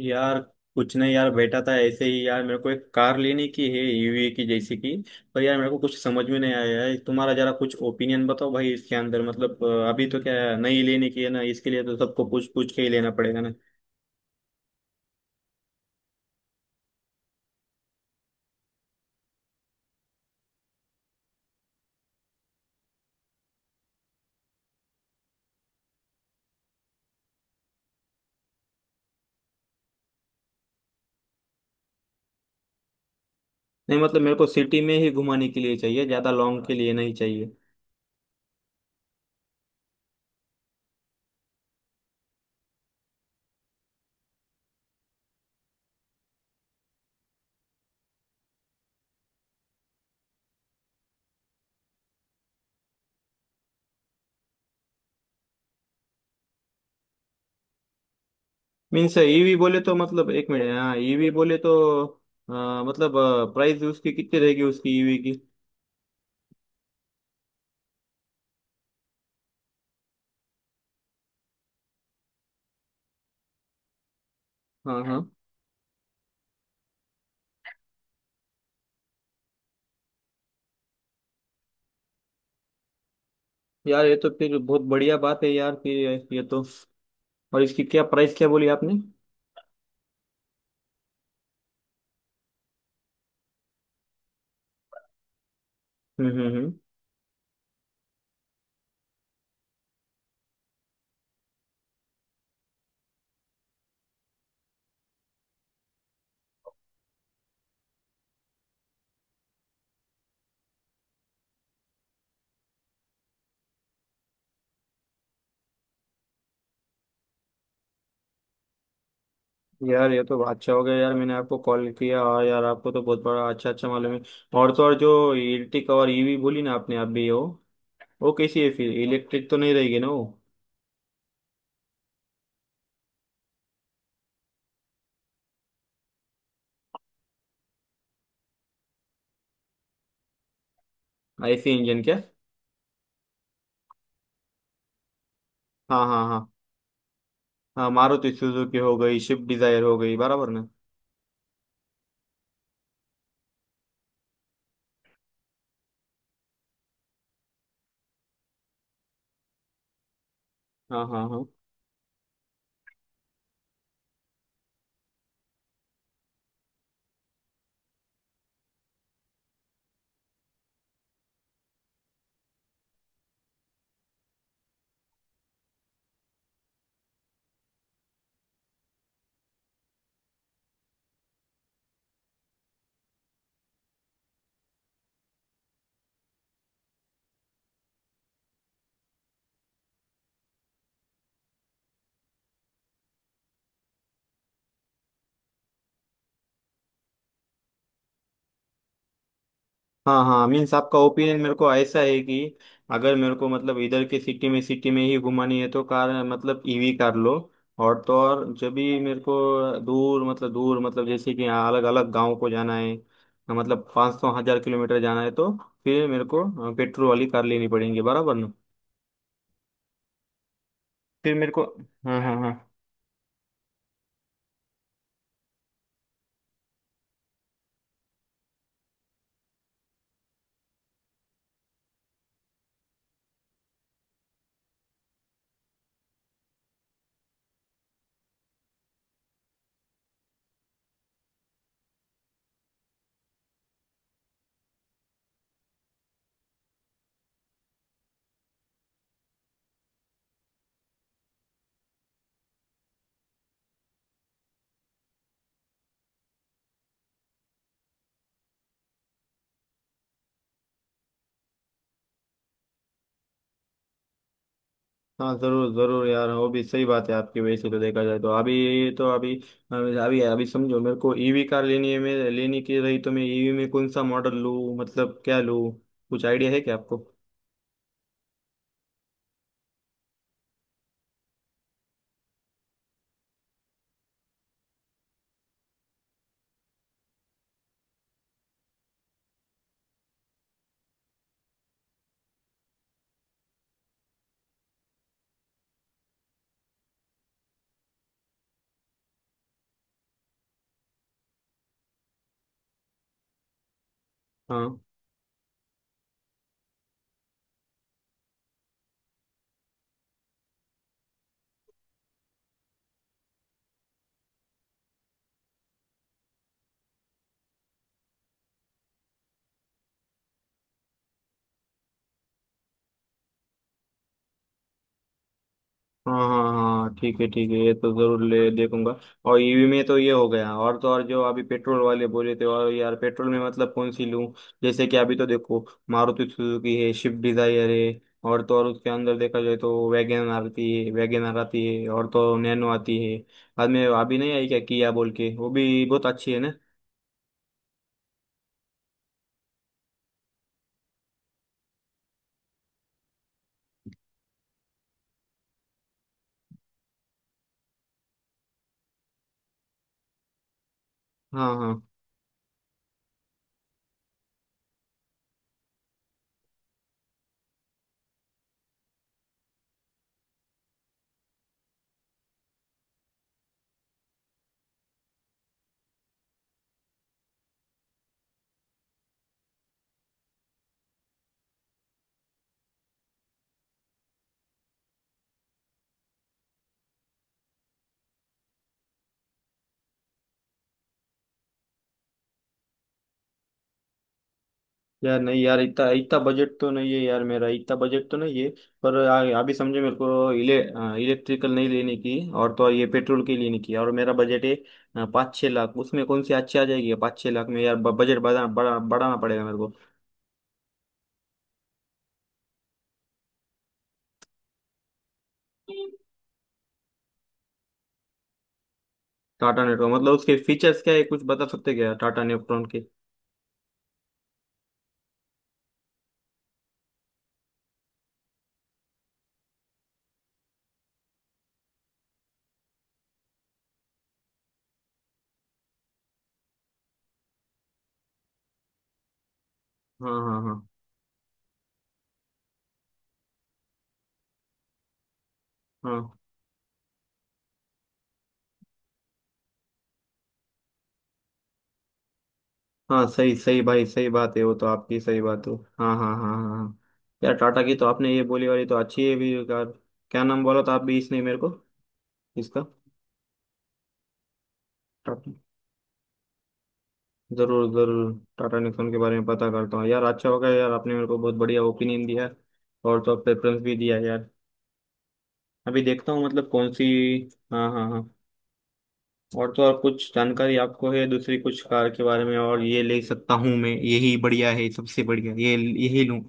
यार, कुछ नहीं यार, बैठा था ऐसे ही। यार, मेरे को एक कार लेने की है, ईवी की जैसी की। पर यार, मेरे को कुछ समझ में नहीं आया है। तुम्हारा जरा कुछ ओपिनियन बताओ भाई, इसके अंदर मतलब अभी तो क्या है, नई लेने की है ना, इसके लिए तो सबको पूछ पूछ के ही लेना पड़ेगा ना। नहीं, मतलब मेरे को सिटी में ही घुमाने के लिए चाहिए, ज्यादा लॉन्ग के लिए नहीं चाहिए। मीन्स ईवी बोले तो मतलब, एक मिनट, हाँ, ईवी बोले तो अ, मतलब प्राइस उसकी कितनी रहेगी, उसकी ईवी की। हाँ हाँ, यार ये तो फिर बहुत बढ़िया बात है यार, फिर ये तो। और इसकी क्या प्राइस, क्या बोली आपने? हम्म हम्म हम्म। यार, ये तो अच्छा हो गया यार, मैंने आपको कॉल किया, और यार आपको तो बहुत बड़ा अच्छा अच्छा मालूम है। और तो और, जो इलेक्ट्रिक और ईवी बोली ना आपने, आप भी हो वो कैसी है फिर, इलेक्ट्रिक तो नहीं रहेगी ना वो? ऐसी इंजन क्या? हाँ हाँ हाँ। हाँ, मारुति सुजुकी हो गई, स्विफ्ट डिजायर हो गई, बराबर ना? हाँ हाँ हाँ हाँ हाँ, मीन्स आपका ओपिनियन मेरे को ऐसा है कि अगर मेरे को मतलब इधर के सिटी में, सिटी में ही घुमानी है तो कार मतलब ईवी कार लो। और तो और, जब भी मेरे को दूर मतलब, दूर मतलब, जैसे कि अलग अलग गांव को जाना है, मतलब पाँच सौ हजार किलोमीटर जाना है, तो फिर मेरे को पेट्रोल वाली कार लेनी पड़ेगी, बराबर ना? फिर मेरे को हाँ हाँ हाँ हाँ, जरूर जरूर यार, वो भी सही बात है आपकी। वैसे तो देखा जाए तो, अभी तो अभी अभी अभी समझो, मेरे को ईवी कार लेनी है, मैं लेने की रही, तो मैं ईवी में कौन सा मॉडल लूँ, मतलब क्या लूँ? कुछ आइडिया है क्या आपको? हाँ हाँ हाँ हाँ हाँ, ठीक है ठीक है, ये तो जरूर ले देखूंगा। और ईवी में तो ये हो गया, और तो और जो अभी पेट्रोल वाले बोले थे, और यार पेट्रोल में मतलब कौन सी लूं? जैसे कि अभी तो देखो, मारुति सुजुकी है, स्विफ्ट डिजायर है, और तो और उसके अंदर देखा जाए तो वैगन आती है, वैगन आती है, और तो नैनो आती है। बाद में अभी नहीं आई क्या, किया बोल के वो भी बहुत अच्छी है ना? हाँ हाँ, यार नहीं यार, इतना इतना बजट तो नहीं है यार, मेरा इतना बजट तो नहीं है। पर अभी समझे, मेरे को इलेक्ट्रिकल नहीं लेने की, और तो और ये पेट्रोल के लेने की। और मेरा बजट है 5-6 लाख, उसमें कौन सी अच्छी आ जाएगी 5-6 लाख में यार? बजट बढ़ाना पड़ेगा मेरे को। टाटा नेक्ट्रॉन मतलब उसके फीचर्स क्या है, कुछ बता सकते क्या टाटा नेक्ट्रॉन के? हाँ हाँ हाँ हाँ हाँ, सही सही भाई, सही बात है, वो तो आपकी सही बात हो, हाँ हाँ हाँ हाँ हाँ। यार, टाटा की तो आपने ये बोली वाली तो अच्छी है भी कार। क्या नाम बोला था आप भी, इसने मेरे को इसका? टा- जरूर जरूर, टाटा निक्सन के बारे में पता करता हूँ यार, अच्छा होगा यार, आपने मेरे को बहुत बढ़िया ओपिनियन दिया है, और तो प्रेफरेंस भी दिया है यार। अभी देखता हूँ मतलब कौन सी। हाँ हाँ हाँ, और तो और कुछ जानकारी आपको है दूसरी कुछ कार के बारे में, और ये ले सकता हूँ मैं, यही बढ़िया है, सबसे बढ़िया ये, यही लूँ?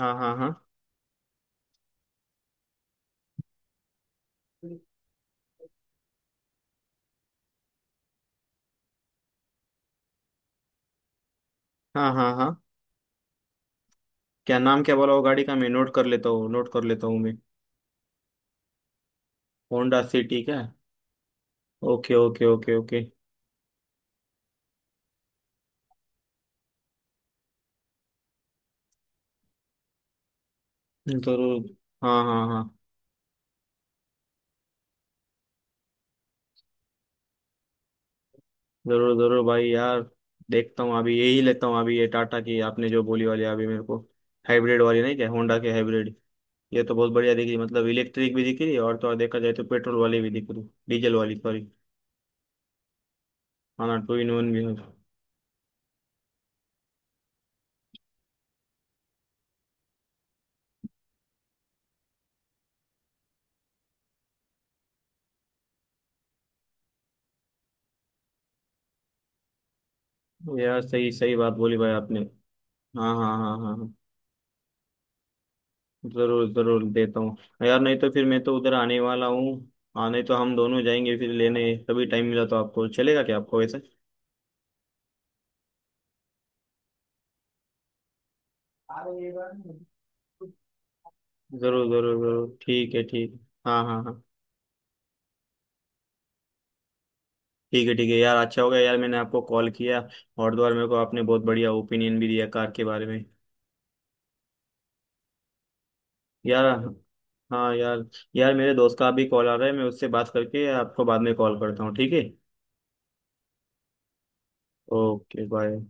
हाँ हाँ हाँ हाँ हाँ हाँ, क्या नाम, क्या बोला वो गाड़ी का, मैं नोट कर लेता हूँ, नोट कर लेता हूँ मैं। होंडा सिटी क्या? Okay okay okay okay. जरूर, हाँ हाँ हाँ। जरूर जरूर भाई यार, देखता हूँ अभी यही लेता हूँ, अभी ये टाटा की आपने जो बोली वाली, अभी मेरे को हाइब्रिड वाली नहीं क्या, होंडा के हाइब्रिड? ये तो बहुत बढ़िया दिख रही, मतलब इलेक्ट्रिक भी दिख रही है, और तो और देखा जाए तो पेट्रोल वाली भी दिख रही, डीजल वाली, सॉरी। हाँ ना, टू इन वन भी है। तो यार, सही सही बात बोली भाई आपने। हाँ हाँ हाँ हाँ हाँ, जरूर जरूर देता हूँ। यार, नहीं तो फिर मैं तो उधर आने वाला हूँ। हाँ, नहीं तो हम दोनों जाएंगे फिर लेने, कभी टाइम मिला तो। आपको चलेगा क्या आपको वैसे? जरूर जरूर जरूर, ठीक है ठीक है। हाँ हाँ हाँ, ठीक है यार, अच्छा हो गया यार, मैंने आपको कॉल किया, और द्वार मेरे को आपने बहुत बढ़िया ओपिनियन भी दिया कार के बारे में यार। हाँ यार। यार, मेरे दोस्त का अभी कॉल आ रहा है, मैं उससे बात करके आपको बाद में कॉल करता हूँ, ठीक है? Okay bye.